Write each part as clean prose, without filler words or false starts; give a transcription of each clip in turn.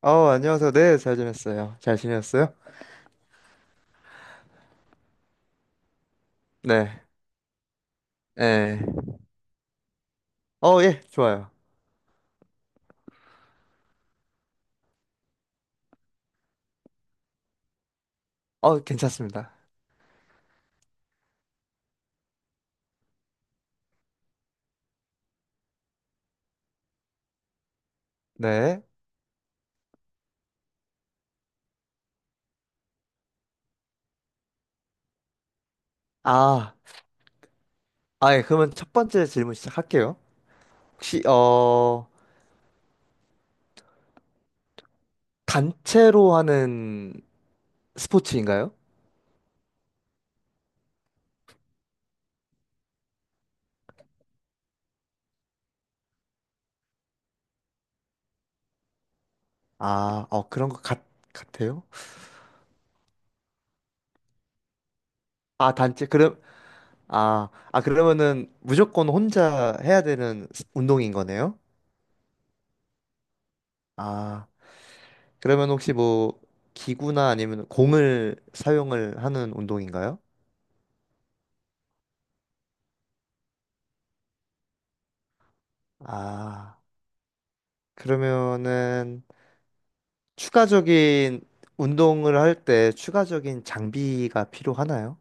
안녕하세요. 네, 잘 지냈어요. 잘 지냈어요? 네. 예. 좋아요. 괜찮습니다. 네. 아, 예, 그러면 첫 번째 질문 시작할게요. 혹시, 단체로 하는 스포츠인가요? 아, 그런 것 같, 같아요? 아, 단체, 그럼, 아, 그러면은 무조건 혼자 해야 되는 운동인 거네요? 아, 그러면 혹시 뭐, 기구나 아니면 공을 사용을 하는 운동인가요? 아. 그러면은 추가적인 운동을 할 때 추가적인 장비가 필요하나요?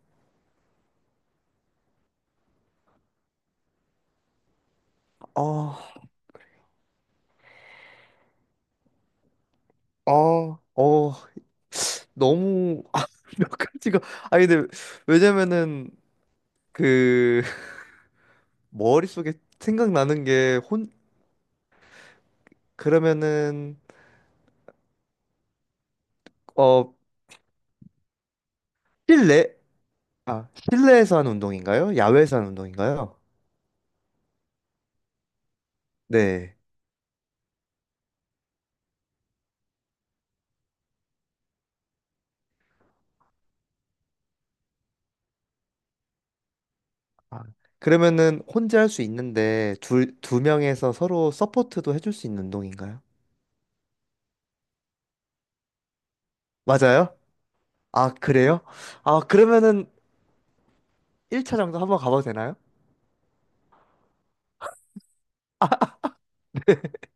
어, 어, 어, 너무 아, 몇 가지가 아니 근데 왜냐면은 그 머릿속에 생각나는 게 혼 그러면은 어 실내 아 실내에서 하는 운동인가요? 야외에서 하는 운동인가요? 네. 아, 그러면은 혼자 할 수 있는데 둘 두 명에서 서로 서포트도 해줄 수 있는 운동인가요? 맞아요? 아, 그래요? 아, 그러면은 1차 정답 한번 가봐도 되나요?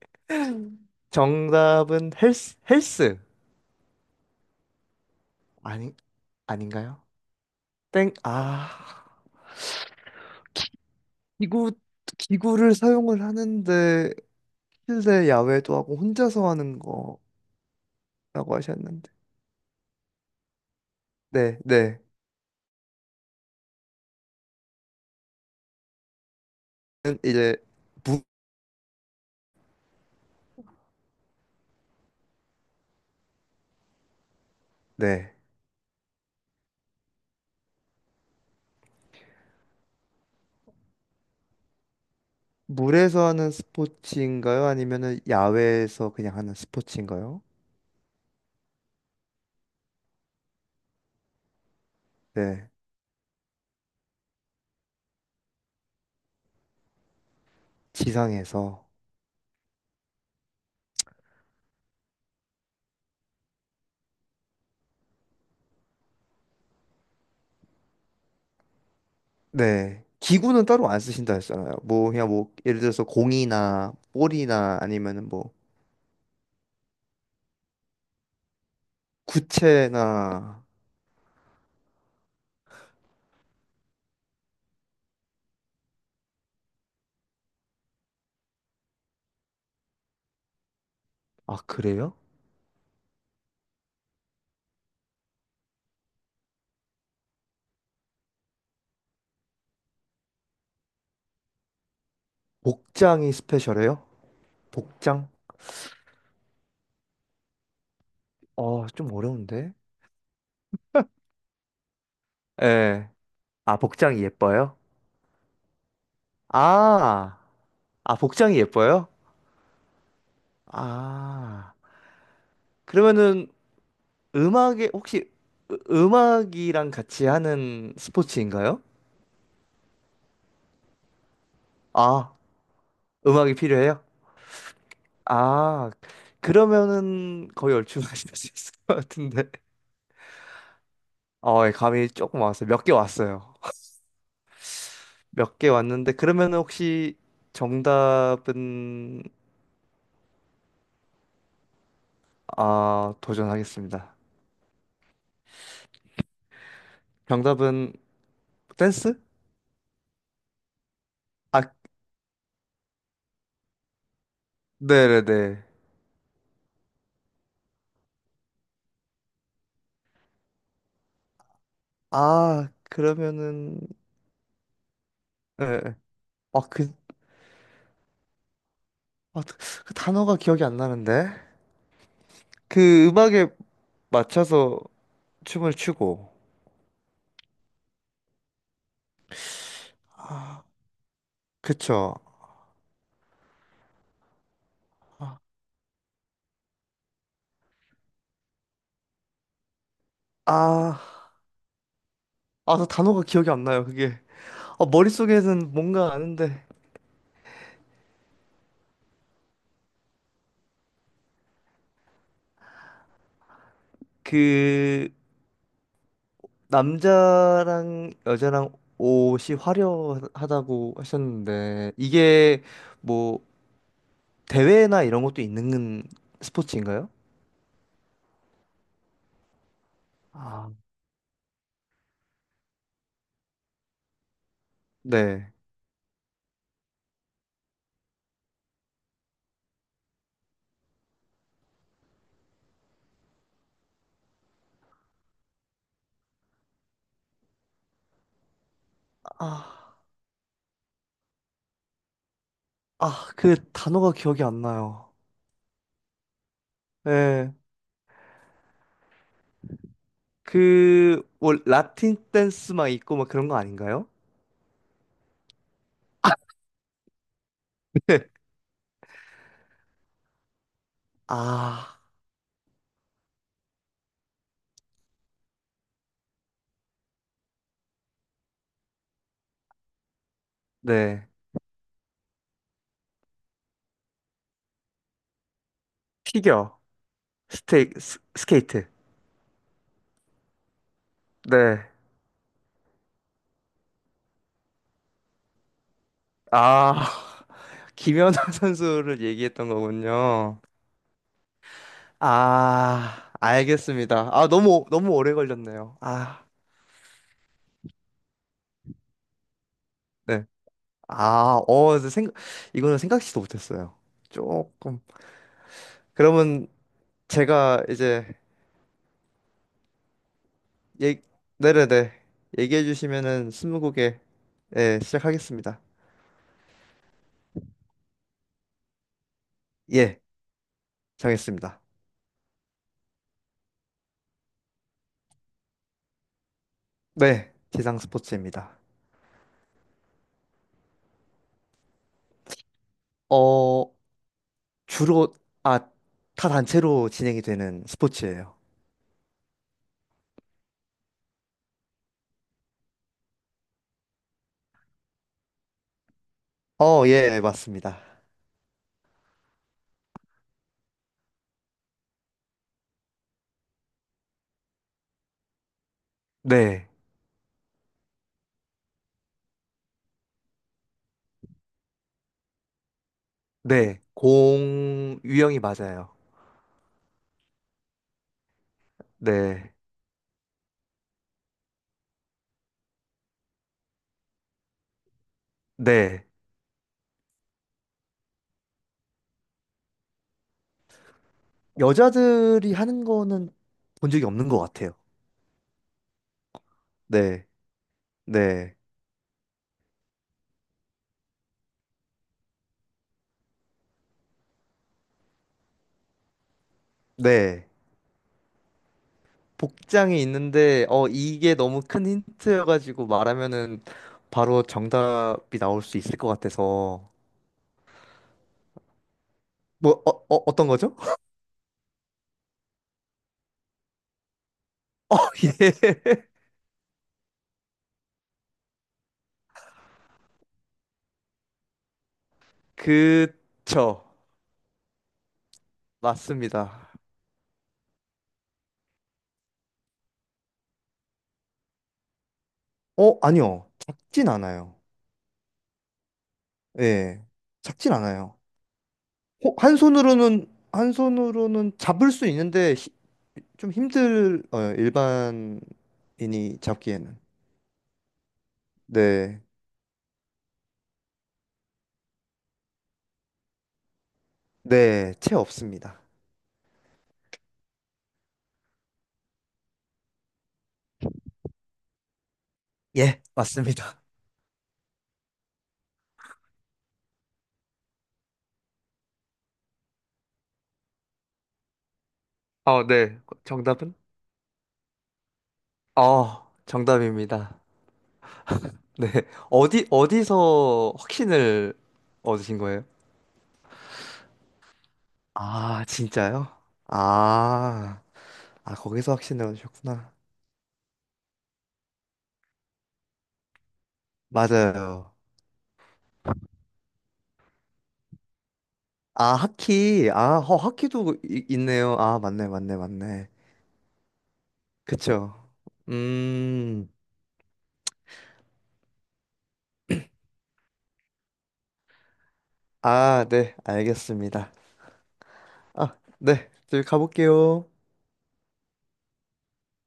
정답은 헬스. 아니, 아닌가요? 땡, 아, 기구, 기구를 사용을 하는데, 실내 야외도 하고 혼자서 하는 거라고 하셨는데. 네, 네. 는 이제, 무, 네. 물에서 하는 스포츠인가요? 아니면은 야외에서 그냥 하는 스포츠인가요? 네. 지상에서. 네. 기구는 따로 안 쓰신다 했잖아요. 뭐 그냥 뭐 예를 들어서 공이나 볼이나 아니면은 뭐 구체나 아 그래요? 복장이 스페셜해요? 복장? 좀 어려운데. 예. 아, 복장이 예뻐요? 아. 아, 복장이 예뻐요? 아. 그러면은 음악에 혹시 음악이랑 같이 하는 스포츠인가요? 아, 음악이 필요해요? 아, 그러면은 거의 얼추 하실 수 있을 것 같은데. 예, 감이 조금 왔어요. 몇 개 왔어요. 몇 개 왔는데, 그러면은 혹시 정답은, 아, 도전하겠습니다. 정답은 댄스? 아, 네네네. 아, 그러면은, 예. 예. 아, 그, 아, 그 그 단어가 기억이 안 나는데? 그 음악에 맞춰서 춤을 추고, 그쵸? 아, 아, 그 단어가 기억이 안 나요, 그게. 머릿속에는 뭔가 아는데 그 남자랑 여자랑 옷이 화려하다고 하셨는데 이게 뭐 대회나 이런 것도 있는 스포츠인가요? 아, 네. 아, 아, 그 단어가 기억이 안 나요. 네 그 뭐 라틴 댄스 막 있고 막 그런 거 아닌가요? 아, 네. 피겨, 스케이트. 네. 아, 김연아 선수를 얘기했던 거군요. 아, 알겠습니다. 아, 너무, 너무 오래 걸렸네요. 아, 네. 아, 이거는 생각지도 못했어요. 조금. 그러면 제가 이제, 얘, 네네네. 얘기해 주시면은 스무고개, 예, 시작하겠습니다. 예, 정했습니다. 네, 지상 스포츠입니다. 어, 주로, 아, 타 단체로 진행이 되는 스포츠예요. 예, 맞습니다. 네, 네, 공 유형이 맞아요. 네, 네. 여자들이 하는 거는 본 적이 없는 것 같아요. 네, 네, 네. 복장이 있는데, 이게 너무 큰 힌트여가지고 말하면은 바로 정답이 나올 수 있을 것 같아서. 뭐, 어떤 거죠? 예. 그쵸. 맞습니다. 어, 아니요. 작진 않아요. 예. 작진 않아요. 한 손으로는 잡을 수 있는데 좀 힘들, 일반인이 잡기에는. 네. 네, 채 없습니다. 예, 맞습니다. 네. 정답은? 정답입니다. 네. 어디, 어디서 확신을 얻으신 거예요? 아, 진짜요? 아, 아 거기서 확신을 얻으셨구나. 맞아요. 아, 하키. 아, 하키도 있네요. 아, 맞네, 맞네, 맞네. 그쵸? 음, 아, 네, 알겠습니다. 아, 네, 저희 가볼게요.